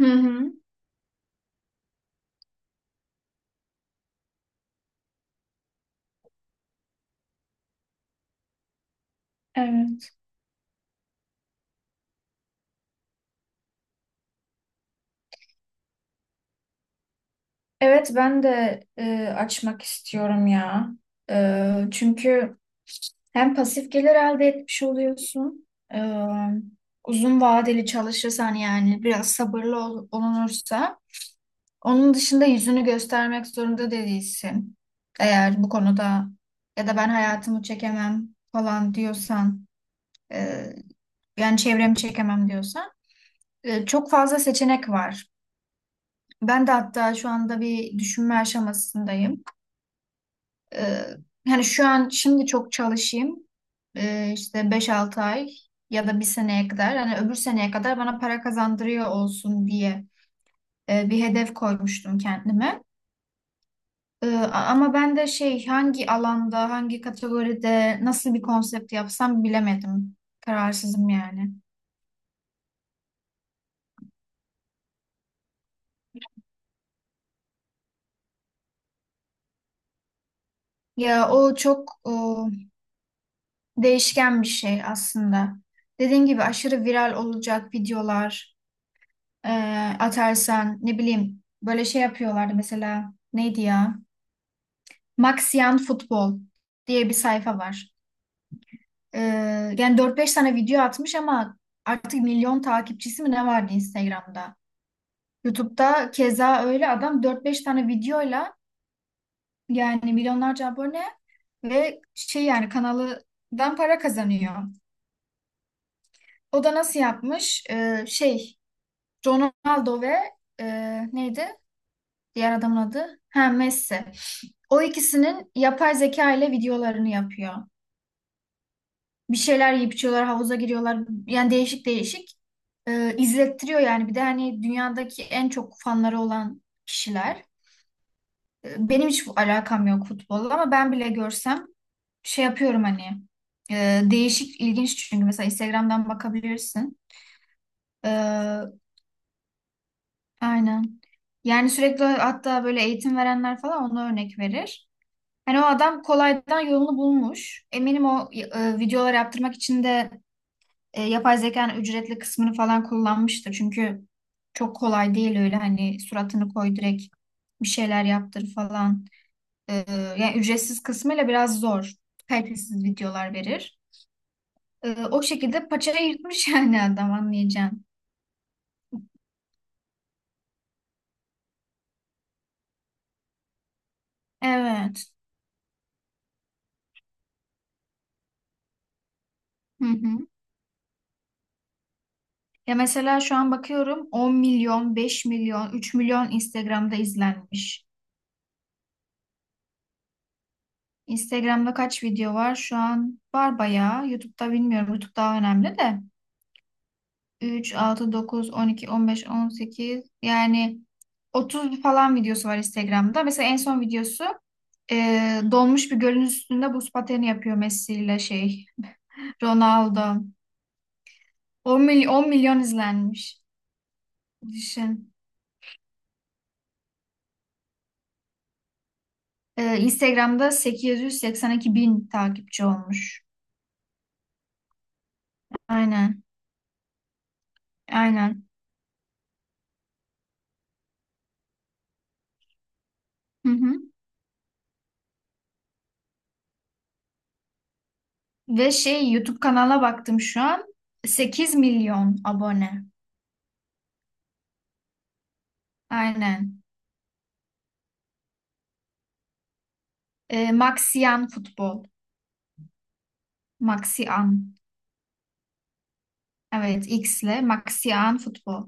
Hı hı. Evet. Evet ben de açmak istiyorum ya. Çünkü hem pasif gelir elde etmiş oluyorsun. e, Uzun vadeli çalışırsan, yani biraz sabırlı olunursa, onun dışında yüzünü göstermek zorunda da değilsin. Eğer bu konuda ya da "Ben hayatımı çekemem" falan diyorsan, e, yani "Çevremi çekemem" diyorsan, çok fazla seçenek var. Ben de hatta şu anda bir düşünme aşamasındayım. Ee, Hani şu an, şimdi çok çalışayım, işte beş altı ay ya da bir seneye kadar, hani öbür seneye kadar bana para kazandırıyor olsun diye bir hedef koymuştum kendime. Ama ben de şey, hangi alanda, hangi kategoride, nasıl bir konsept yapsam bilemedim. Kararsızım yani. Ya o çok o, değişken bir şey aslında. Dediğim gibi, aşırı viral olacak videolar e, atarsan, ne bileyim, böyle şey yapıyorlardı mesela, neydi ya? Maxian Futbol diye bir sayfa var. E, Yani dört beş tane video atmış ama artık milyon takipçisi mi ne vardı Instagram'da? YouTube'da keza öyle, adam dört beş tane videoyla yani milyonlarca abone ve şey, yani kanalından para kazanıyor. O da nasıl yapmış? Şey, Ronaldo ve neydi diğer adamın adı? Ha, Messi. O ikisinin yapay zeka ile videolarını yapıyor. Bir şeyler yiyip içiyorlar, havuza giriyorlar. Yani değişik değişik. İzlettiriyor yani. Bir de hani dünyadaki en çok fanları olan kişiler. Benim hiç alakam yok futbolla, ama ben bile görsem şey yapıyorum hani. Değişik, ilginç çünkü. Mesela Instagram'dan bakabilirsin. Ee, aynen. Yani sürekli, hatta böyle eğitim verenler falan ona örnek verir. Hani o adam kolaydan yolunu bulmuş. Eminim o videolar yaptırmak için de yapay zekanın ücretli kısmını falan kullanmıştır. Çünkü çok kolay değil öyle, hani suratını koy, direkt bir şeyler yaptır falan. E, Yani ücretsiz kısmıyla biraz zor. Kalitesiz videolar verir. O şekilde paçayı yırtmış yani adam, anlayacağım. Evet. Hı hı. Ya mesela şu an bakıyorum, 10 milyon, 5 milyon, 3 milyon Instagram'da izlenmiş. Instagram'da kaç video var? Şu an var bayağı. YouTube'da bilmiyorum. YouTube daha önemli de. 3, 6, 9, 12, 15, 18, yani 30 falan videosu var Instagram'da. Mesela en son videosu e, donmuş bir gölün üstünde buz pateni yapıyor Messi ile şey Ronaldo. 10, 10 milyon izlenmiş. Düşün. Instagram'da 882 bin takipçi olmuş. Aynen. Aynen. Hı hı. Ve şey, YouTube kanala baktım şu an, 8 milyon abone. Aynen. E, Maxian Futbol. Maxian. Evet, X'le, Maxian Futbol.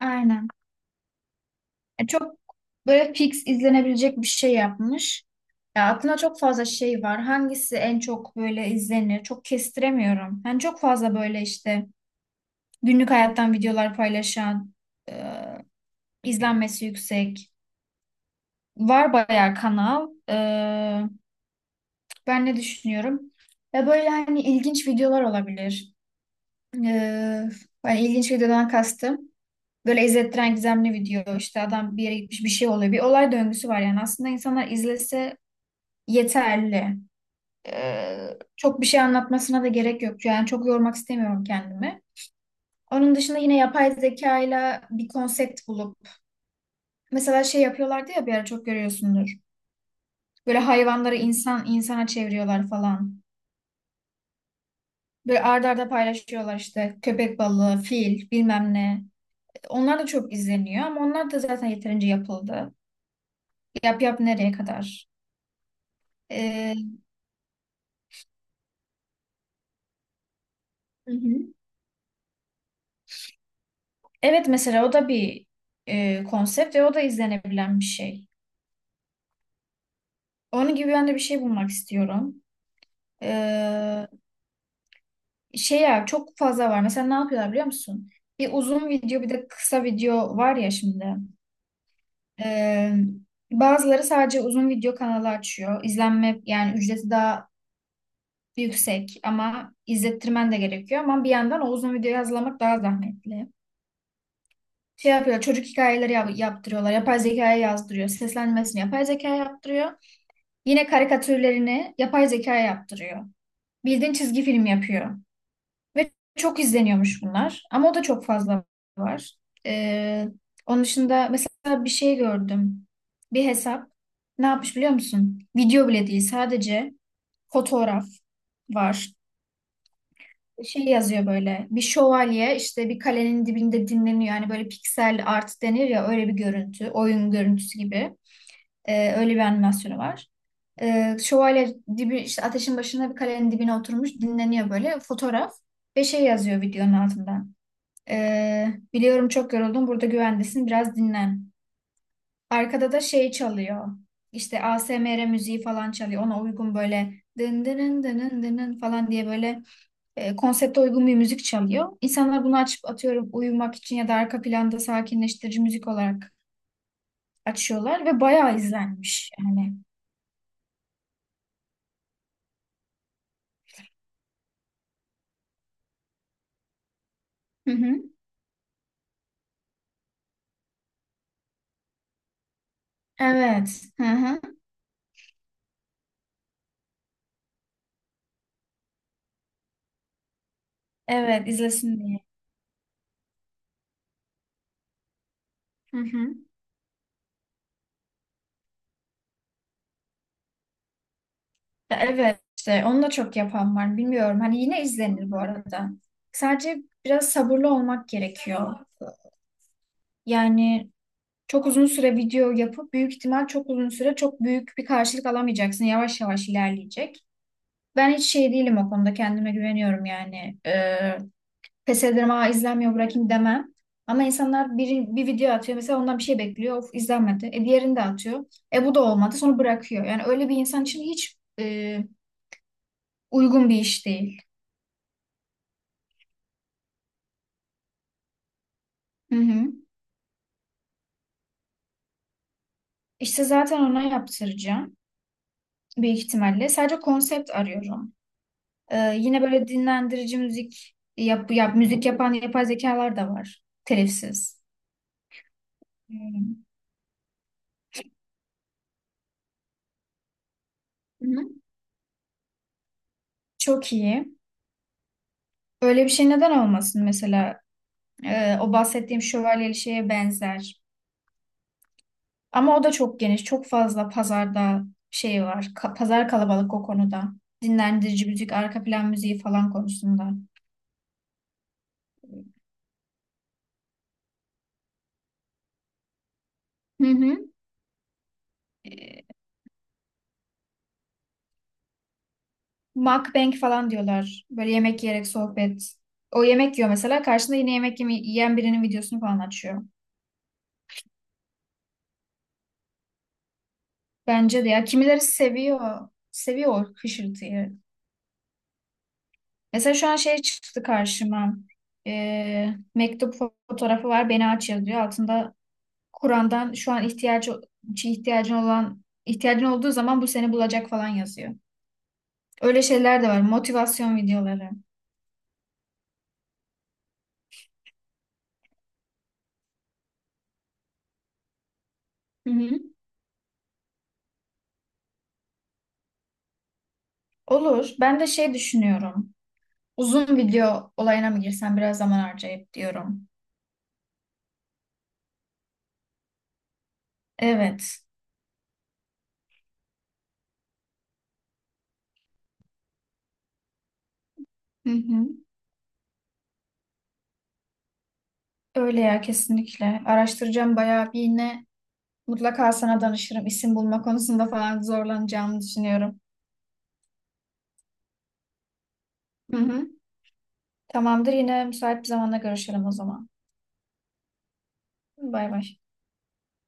Aynen. Çok böyle fix izlenebilecek bir şey yapmış. Ya aklımda çok fazla şey var. Hangisi en çok böyle izlenir, çok kestiremiyorum. Yani çok fazla böyle işte günlük hayattan videolar paylaşan, e, izlenmesi yüksek. Var bayağı kanal. E, ben ne düşünüyorum? Ya böyle hani ilginç videolar olabilir. Ee, Hani ilginç videodan kastım, böyle izlettiren gizemli video. İşte adam bir yere gitmiş, bir şey oluyor. Bir olay döngüsü var yani. Aslında insanlar izlese yeterli. Çok bir şey anlatmasına da gerek yok. Yani çok yormak istemiyorum kendimi. Onun dışında yine yapay zekayla bir konsept bulup. Mesela şey yapıyorlardı ya, bir ara çok görüyorsundur. Böyle hayvanları insan insana çeviriyorlar falan. Böyle arda arda paylaşıyorlar işte, köpek balığı, fil, bilmem ne. Onlar da çok izleniyor ama onlar da zaten yeterince yapıldı. Yap yap, nereye kadar? Ee, hı hı. Evet, mesela o da bir konsept ve o da izlenebilen bir şey. Onun gibi ben de bir şey bulmak istiyorum. Ee, Şey, ya çok fazla var. Mesela ne yapıyorlar biliyor musun? Bir uzun video, bir de kısa video var ya şimdi. Ee, Bazıları sadece uzun video kanalı açıyor. İzlenme yani ücreti daha yüksek ama izlettirmen de gerekiyor. Ama bir yandan o uzun videoyu hazırlamak daha zahmetli. Şey yapıyor, çocuk hikayeleri yaptırıyorlar. Yapay zekaya yazdırıyor. Seslenmesini yapay zekaya yaptırıyor. Yine karikatürlerini yapay zekaya yaptırıyor. Bildiğin çizgi film yapıyor. Ve çok izleniyormuş bunlar. Ama o da çok fazla var. Ee, Onun dışında mesela bir şey gördüm. Bir hesap. Ne yapmış biliyor musun? Video bile değil. Sadece fotoğraf var. Şey yazıyor, böyle bir şövalye işte bir kalenin dibinde dinleniyor. Yani böyle piksel art denir ya, öyle bir görüntü. Oyun görüntüsü gibi. Öyle bir animasyonu var. Şövalye dibi işte ateşin başına, bir kalenin dibine oturmuş dinleniyor, böyle fotoğraf ve şey yazıyor videonun altından. Ee, "Biliyorum çok yoruldun, burada güvendesin, biraz dinlen." Arkada da şey çalıyor, İşte ASMR müziği falan çalıyor. Ona uygun böyle dın dın dın dın dın falan diye, böyle konsepte uygun bir müzik çalıyor. İnsanlar bunu açıp, atıyorum uyumak için ya da arka planda sakinleştirici müzik olarak açıyorlar ve bayağı izlenmiş yani. Hı hı. Evet. Hı hı. Evet, izlesin diye. Hı hı. Ya evet, işte onu da çok yapan var bilmiyorum. Hani yine izlenir bu arada. Sadece biraz sabırlı olmak gerekiyor. Yani çok uzun süre video yapıp büyük ihtimal çok uzun süre çok büyük bir karşılık alamayacaksın. Yavaş yavaş ilerleyecek. Ben hiç şey değilim o konuda, kendime güveniyorum yani. Pes ederim, "Aa izlenmiyor, bırakayım" demem. Ama insanlar bir video atıyor mesela, ondan bir şey bekliyor, "Of izlenmedi." E, diğerini de atıyor. E, bu da olmadı, sonra bırakıyor. Yani öyle bir insan için hiç uygun bir iş değil. Hı hı. İşte zaten ona yaptıracağım büyük ihtimalle. Sadece konsept arıyorum. Yine böyle dinlendirici müzik yap müzik yapan yapay zekalar da var. Telifsiz. Hmm. Hı hı. Çok iyi. Öyle bir şey neden olmasın mesela? O bahsettiğim şövalyeli şeye benzer. Ama o da çok geniş, çok fazla pazarda şey var. Pazar kalabalık o konuda. Dinlendirici müzik, arka plan müziği falan konusunda. Hı hı. Ee, Mukbang falan diyorlar. Böyle yemek yiyerek sohbet. O yemek yiyor mesela. Karşında yine yemek yiyen birinin videosunu falan açıyor. Bence de ya. Kimileri seviyor. Seviyor o hışırtıyı. Mesela şu an şey çıktı karşıma. Mektup fotoğrafı var, "Beni aç" yazıyor. Altında Kur'an'dan, şu an ihtiyacın olduğu zaman bu seni bulacak falan yazıyor. Öyle şeyler de var. Motivasyon videoları. Hı hı. Olur. Ben de şey düşünüyorum, uzun video olayına mı girsem biraz zaman harcayıp diyorum. Evet. Hı hı. Öyle ya, kesinlikle. Araştıracağım bayağı bir, yine mutlaka sana danışırım. İsim bulma konusunda falan zorlanacağımı düşünüyorum. Hı hı. Tamamdır. Yine müsait bir zamanda görüşelim o zaman. Bay bay.